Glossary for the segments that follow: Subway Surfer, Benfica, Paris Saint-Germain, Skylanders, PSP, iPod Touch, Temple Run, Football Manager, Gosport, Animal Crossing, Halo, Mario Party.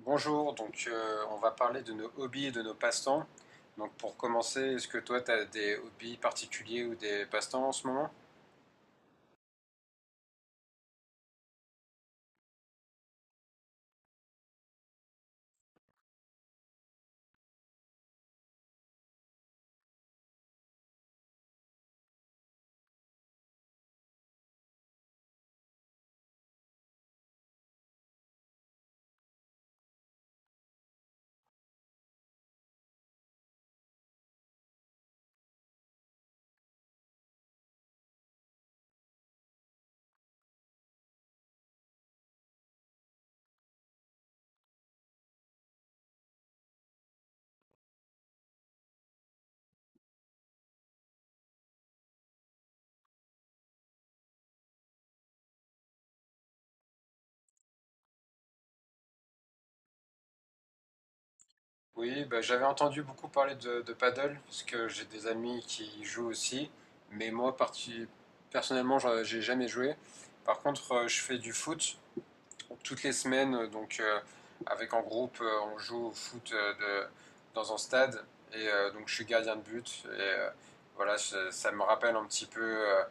Bonjour, on va parler de nos hobbies et de nos passe-temps. Donc pour commencer, est-ce que toi tu as des hobbies particuliers ou des passe-temps en ce moment? Oui, bah, j'avais entendu beaucoup parler de paddle, parce que j'ai des amis qui y jouent aussi, mais personnellement j'ai jamais joué. Par contre, je fais du foot toutes les semaines, avec en groupe on joue au foot dans un stade, et donc je suis gardien de but, et voilà, ça me rappelle un petit peu. euh,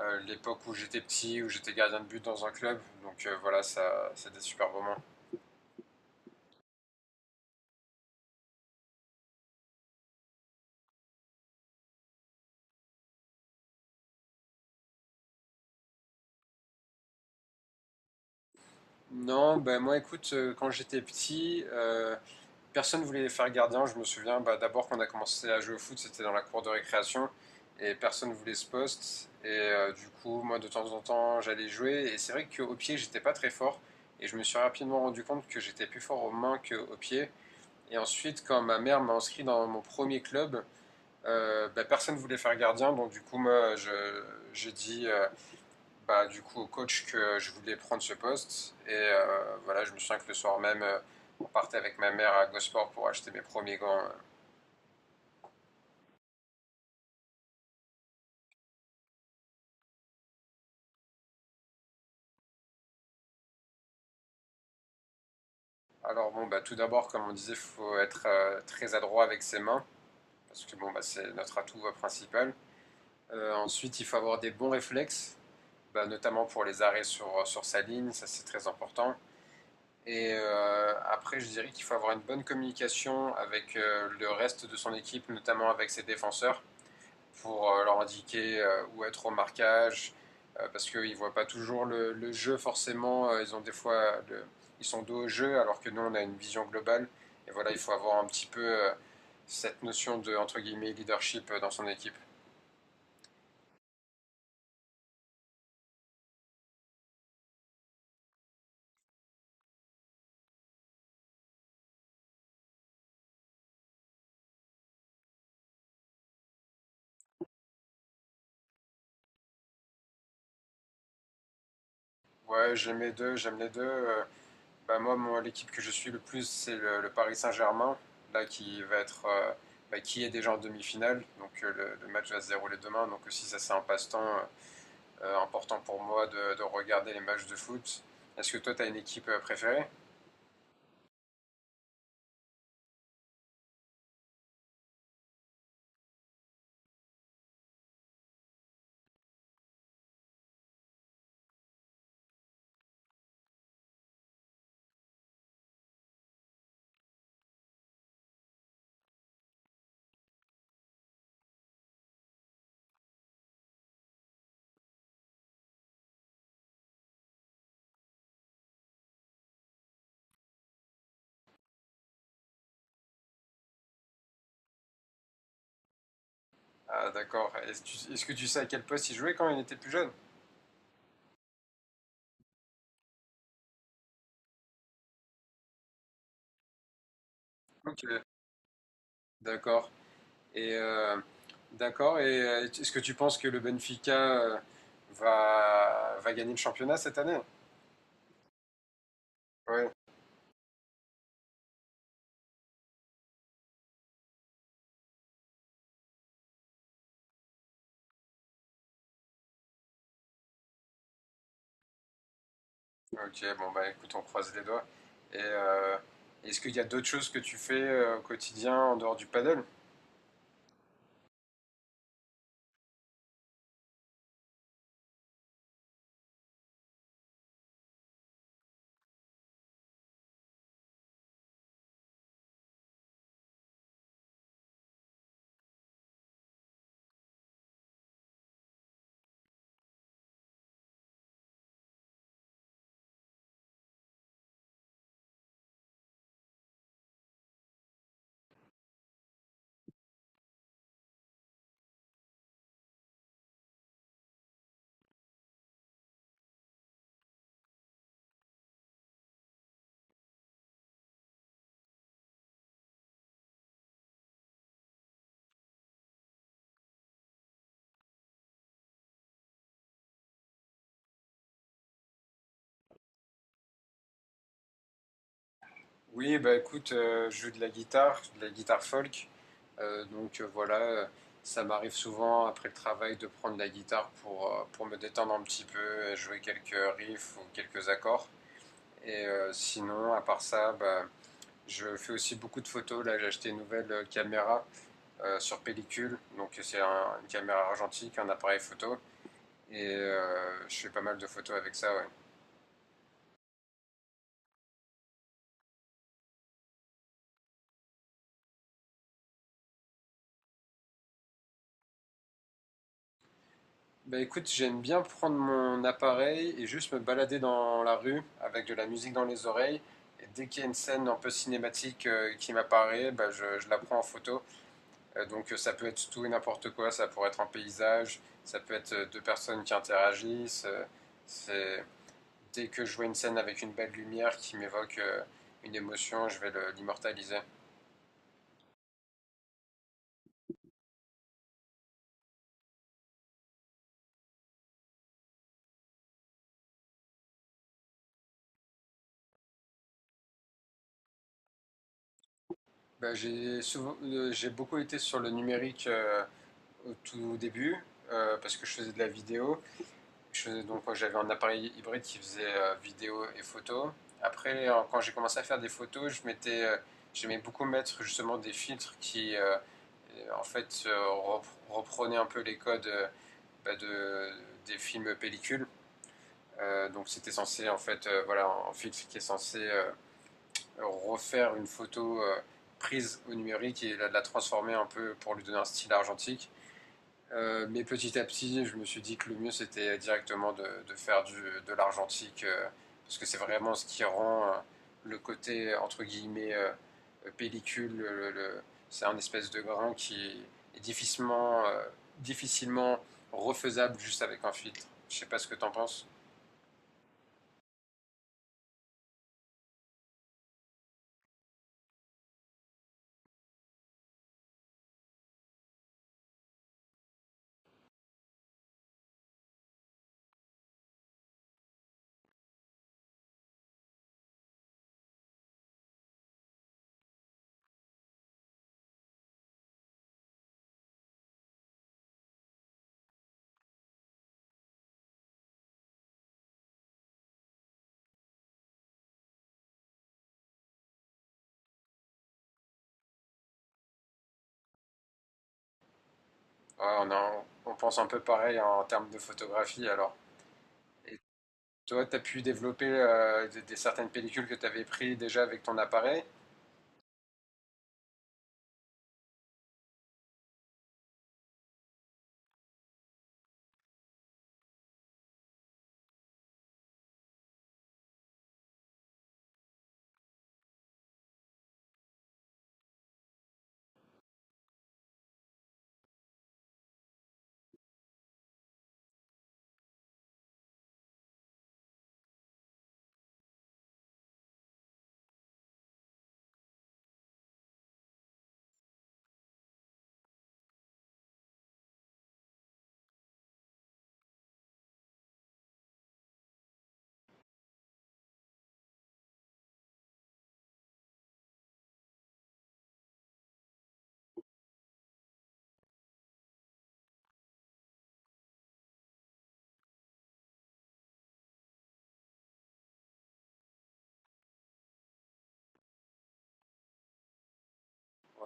euh, l'époque où j'étais petit, où j'étais gardien de but dans un club. Voilà, ça, c'était super moment. Non, ben moi écoute, quand j'étais petit, personne ne voulait faire gardien. Je me souviens, bah, d'abord quand on a commencé à jouer au foot, c'était dans la cour de récréation et personne ne voulait ce poste. Et du coup, moi de temps en temps, j'allais jouer. Et c'est vrai qu'au pied, j'étais pas très fort. Et je me suis rapidement rendu compte que j'étais plus fort aux mains qu'aux pieds. Et ensuite, quand ma mère m'a inscrit dans mon premier club, bah, personne ne voulait faire gardien, donc du coup, moi, j'ai dit bah, du coup au coach que je voulais prendre ce poste. Et voilà, je me souviens que le soir même, on partait avec ma mère à Gosport pour acheter mes premiers gants. Alors bon, bah, tout d'abord, comme on disait, il faut être très adroit avec ses mains, parce que bon, bah, c'est notre atout principal. Ensuite, il faut avoir des bons réflexes, bah, notamment pour les arrêts sur sa ligne, ça c'est très important. Et après, je dirais qu'il faut avoir une bonne communication avec le reste de son équipe, notamment avec ses défenseurs, pour leur indiquer où être au marquage, parce qu'ils ne voient pas toujours le jeu forcément. Ils ont des fois, ils sont dos au jeu, alors que nous, on a une vision globale. Et voilà, il faut avoir un petit peu cette notion de entre guillemets leadership dans son équipe. Ouais, j'aime les deux, j'aime les deux. Bah, moi, l'équipe que je suis le plus, c'est le Paris Saint-Germain, là qui va être, bah, qui est déjà en demi-finale. Donc le match va se dérouler demain. Donc aussi, ça c'est un passe-temps important pour moi de regarder les matchs de foot. Est-ce que toi, tu as une équipe préférée? Ah, d'accord. Est-ce que tu sais à quel poste il jouait quand il était plus jeune? Ok, d'accord. Et euh, d'accord. Et est-ce que tu penses que le Benfica va gagner le championnat cette année? Ouais. Ok, bon bah écoute, on croise les doigts. Et est-ce qu'il y a d'autres choses que tu fais au quotidien en dehors du paddle? Oui, bah écoute, je joue de la guitare folk. Voilà, ça m'arrive souvent après le travail de prendre la guitare pour me détendre un petit peu, et jouer quelques riffs ou quelques accords. Et sinon, à part ça, bah, je fais aussi beaucoup de photos. Là, j'ai acheté une nouvelle caméra sur pellicule. Donc c'est une caméra argentique, un appareil photo. Et je fais pas mal de photos avec ça, ouais. Bah écoute, j'aime bien prendre mon appareil et juste me balader dans la rue avec de la musique dans les oreilles. Et dès qu'il y a une scène un peu cinématique qui m'apparaît, bah je la prends en photo. Ça peut être tout et n'importe quoi, ça pourrait être un paysage, ça peut être deux personnes qui interagissent. C'est... Dès que je vois une scène avec une belle lumière qui m'évoque une émotion, je vais l'immortaliser. Bah, j'ai beaucoup été sur le numérique au tout début parce que je faisais de la vidéo. Donc j'avais un appareil hybride qui faisait vidéo et photo. Après, quand j'ai commencé à faire des photos, j'aimais beaucoup mettre justement des filtres qui, euh, en fait, euh, reprenaient un peu les codes de des films pellicules. Donc c'était censé, en fait, voilà, un filtre qui est censé refaire une photo prise au numérique et la transformer un peu pour lui donner un style argentique. Mais petit à petit, je me suis dit que le mieux c'était directement de faire de l'argentique, parce que c'est vraiment ce qui rend le côté entre guillemets pellicule. C'est un espèce de grain qui est difficilement, difficilement refaisable juste avec un filtre. Je sais pas ce que t'en penses. Ouais, on pense un peu pareil en termes de photographie alors. Et toi, t'as pu développer des certaines pellicules que t'avais prises déjà avec ton appareil?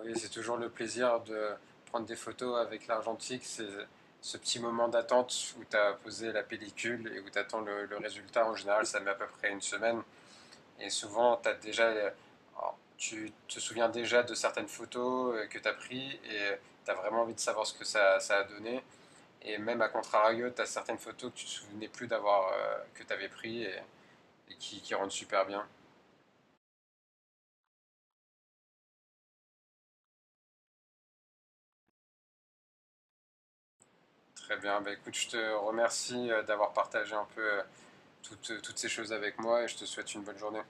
Oui, c'est toujours le plaisir de prendre des photos avec l'argentique. C'est ce petit moment d'attente où tu as posé la pellicule et où tu attends le résultat. En général, ça met à peu près une semaine. Et souvent, alors, tu te souviens déjà de certaines photos que tu as prises et tu as vraiment envie de savoir ce que ça a donné. Et même à contrario, tu as certaines photos que tu ne te souvenais plus d'avoir, que tu avais prises et qui rendent super bien. Très bien. Bah, écoute, je te remercie d'avoir partagé un peu, toutes ces choses avec moi et je te souhaite une bonne journée.